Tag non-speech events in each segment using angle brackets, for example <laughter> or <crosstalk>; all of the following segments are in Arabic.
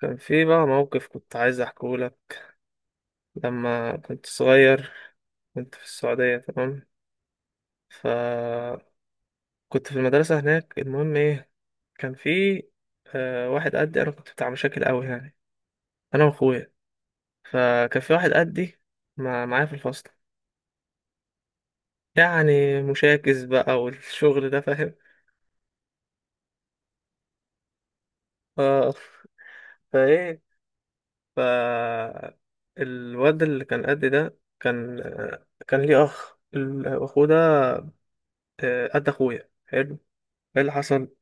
كان في بقى موقف كنت عايز احكيه لك لما كنت صغير. كنت في السعودية، تمام؟ فكنت في المدرسة هناك. المهم ايه، كان في واحد قدي، انا كنت بتاع مشاكل قوي يعني، انا واخويا. فكان في واحد قدي معايا في الفصل. يعني مشاكس بقى والشغل ده، فاهم؟ اه. فايه؟ ف الواد اللي كان قدي ده كان، ليه اخ. الاخو ده قد اخويا، حلو. ايه اللي حصل،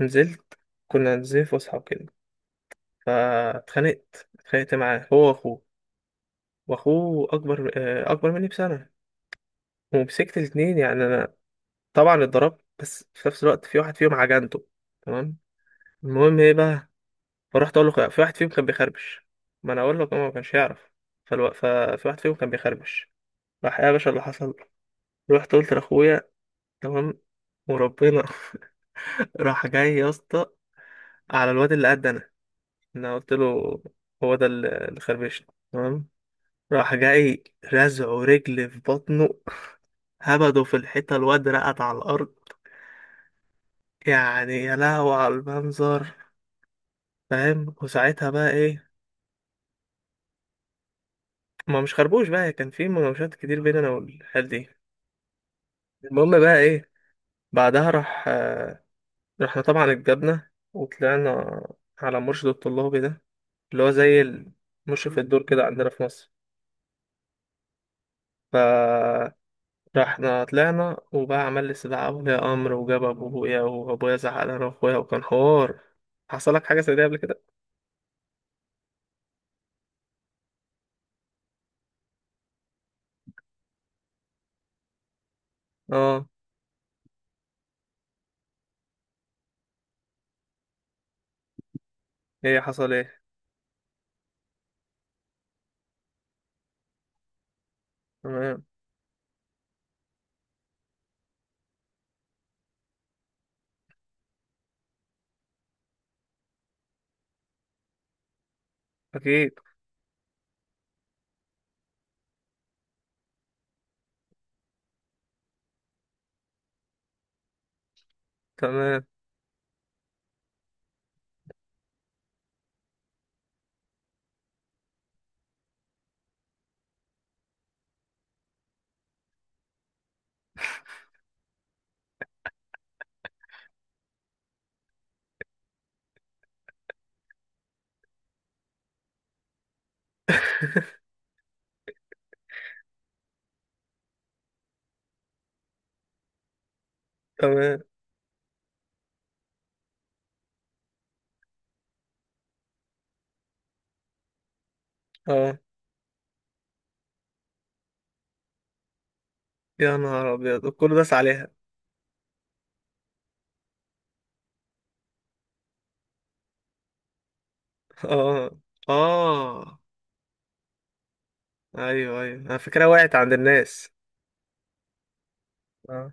نزلت. كنا نازلين فسحه وكده، فاتخانقت معاه، هو واخوه. واخوه اكبر، اكبر مني بسنه. ومسكت الاتنين يعني انا، طبعا اتضربت، بس في نفس الوقت في واحد فيهم عجنته، تمام. المهم ايه بقى، فرحت اقول له في واحد فيهم كان بيخربش. ما انا اقول لك هو ما كانش يعرف. ففي واحد فيهم كان بيخربش. راح، إيه يا باشا اللي حصل. رحت قلت لاخويا، تمام، وربنا. <laughs> راح جاي يا اسطى على الواد اللي قد انا. انا قلت له هو ده الخربشة، تمام. راح جاي، رزعه رجل في بطنه، هبده في الحيطة، الواد رقد على الأرض. يعني يا لهوي على المنظر، فاهم. وساعتها بقى ايه، ما مش خربوش بقى، كان في مناوشات كتير بين انا والحال دي. المهم بقى ايه، بعدها راح، رحنا طبعا، اتجبنا وطلعنا على المرشد الطلابي ده، اللي هو زي مشرف الدور كده عندنا في مصر. ف ده احنا طلعنا وبقى عمل لي استدعاء ولي امر، وجاب ابويا، وابويا زعق لنا واخويا، وكان حوار. حصل لك حاجه زي دي قبل كده؟ اه. ايه حصل ايه. تمام. اكيد. تمام، تمام. اه. يا نهار ابيض، كله داس عليها. اه. اه. ايوه ايوه، انا فكرة وقعت عند الناس. اه.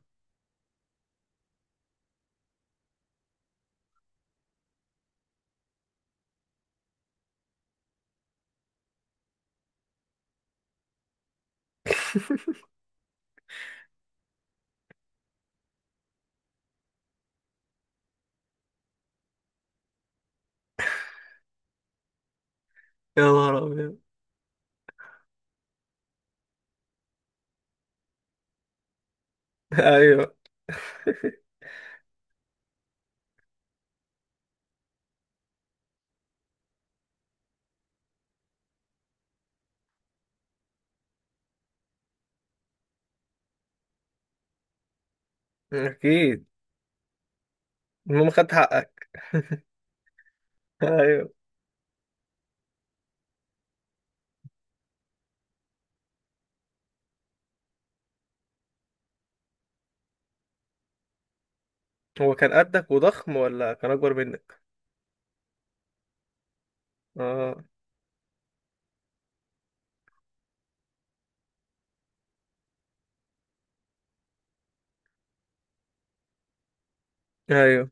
يا نهار ابيض. <laughs> ايوه. اكيد. المهم خدت حقك. ايوه. هو كان قدك وضخم ولا كان اكبر منك؟ اه. ايوه.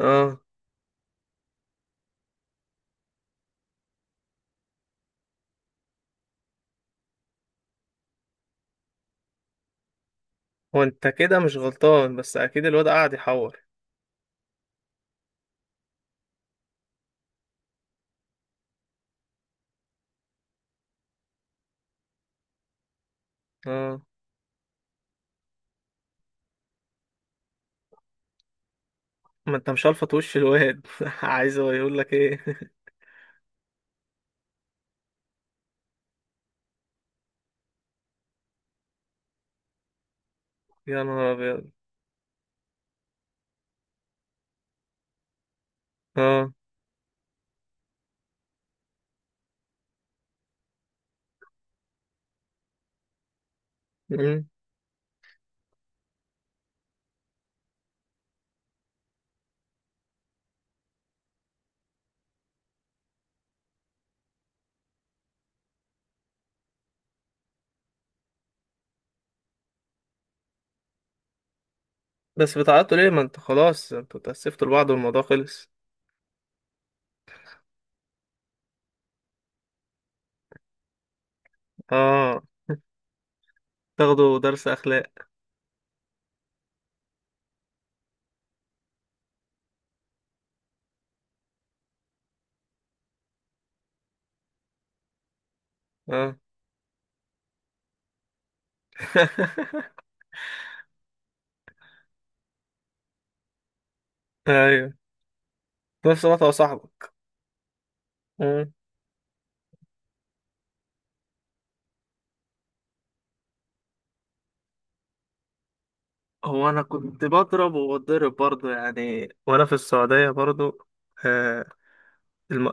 اه. هو انت كده مش غلطان، بس اكيد الواد قاعد يحور. اه. ما انت مش هلفط وش الواد <laughs> عايز هو يقول لك ايه؟ <laughs> يا نهار ابيض. اه. مم. بس بتعيطوا ليه، ما انت خلاص انتوا اتأسفتوا لبعض والموضوع خلص. اه. تاخدوا درس اخلاق. اه. <laughs> ايوه. في نفس الوقت هو صاحبك. مم. هو انا كنت بضرب، وبضرب برضه يعني، وانا في السعوديه برضه. آه. الم...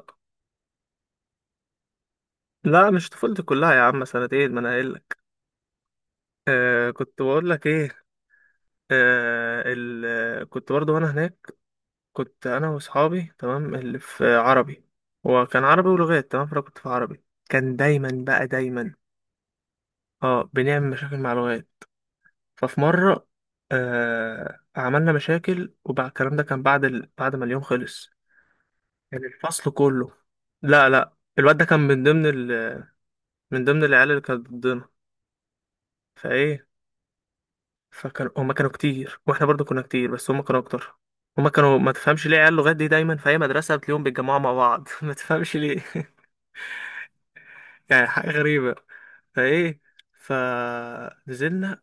لا، مش طفولتي كلها يا عم، سنتين ما انا قايل لك. كنت بقول لك ايه. كنت برضو وانا هناك. كنت انا واصحابي، تمام، اللي في عربي. هو كان عربي ولغات، تمام، فانا كنت في عربي. كان دايما بقى دايما. اه، بنعمل مشاكل مع لغات. ففي مره، عملنا مشاكل. وبعد الكلام ده كان بعد بعد ما اليوم خلص. كان الفصل كله. لا لا، الواد ده كان من ضمن من ضمن العيال اللي كانت ضدنا. فايه؟ فكانوا، هما كانوا كتير واحنا برضو كنا كتير، بس هما كانوا اكتر. هما كانوا، ما تفهمش ليه عيال لغات دي دايما في اي مدرسه بتلاقيهم بيتجمعوا مع بعض <laughs> ما تفهمش ليه <laughs> يعني حاجه غريبه. فايه؟ فنزلنا،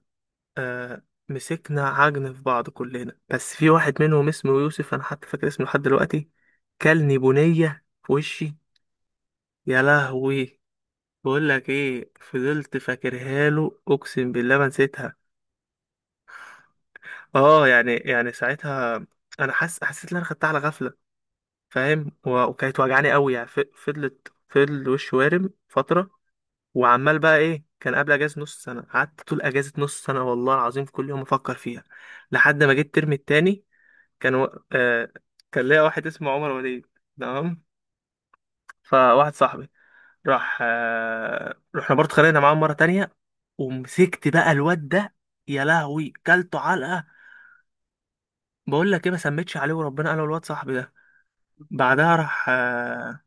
آه مسكنا عجن في بعض كلنا، بس في واحد منهم اسمه يوسف، انا حتى فاكر اسمه لحد دلوقتي. كلني بنيه في وشي، يا لهوي. بقول لك ايه، فضلت فاكرها له، اقسم بالله ما نسيتها. اه، يعني ساعتها انا حاسس، حسيت ان انا خدتها على غفله، فاهم، وكانت وجعاني قوي يعني، فضلت فضل وشي وارم فتره. وعمال بقى ايه، كان قبل اجازه نص سنه. قعدت طول اجازه نص سنه، والله العظيم في كل يوم افكر فيها، لحد ما جيت الترم التاني. كان و... آه... كان ليا واحد اسمه عمر وليد، تمام. فواحد صاحبي، رحنا برضه، خلينا معاه مره تانية. ومسكت بقى الواد ده، يا لهوي، كلته علقه. بقول لك ايه، ما سميتش عليه وربنا، انا والواد صاحبي ده. بعدها راح،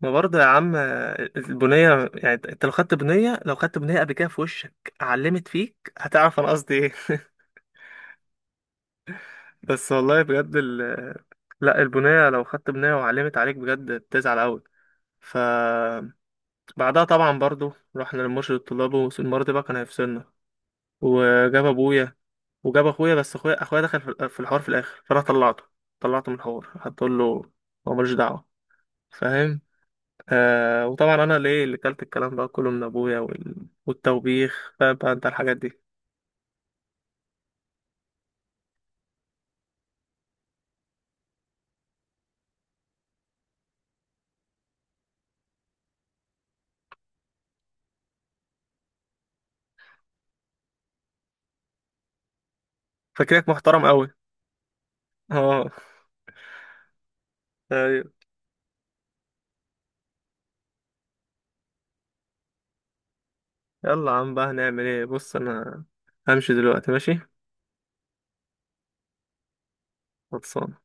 ما برضه يا عم، البنية يعني، انت لو خدت بنية، لو خدت بنية قبل كده في وشك علمت فيك هتعرف انا قصدي ايه. <laughs> بس والله بجد، لا، البنية لو خدت بنية وعلمت عليك بجد بتزعل قوي. فبعدها طبعا برضو رحنا لمرشد الطلاب، والمرة دي بقى كان هيفصلنا. وجاب ابويا، وجاب اخويا، بس اخويا دخل في في الحوار في الاخر، فانا طلعته. طلعته من الحوار، هتقول له هو ملوش دعوة، فاهم. وطبعا انا ليه اللي كلت الكلام ده كله من ابويا والتوبيخ. فاهم بقى انت الحاجات دي؟ فاكرك محترم قوي. <laughs> اه. ايوه. يلا يا عم بقى، هنعمل ايه. بص انا همشي دلوقتي، ماشي. خلصان.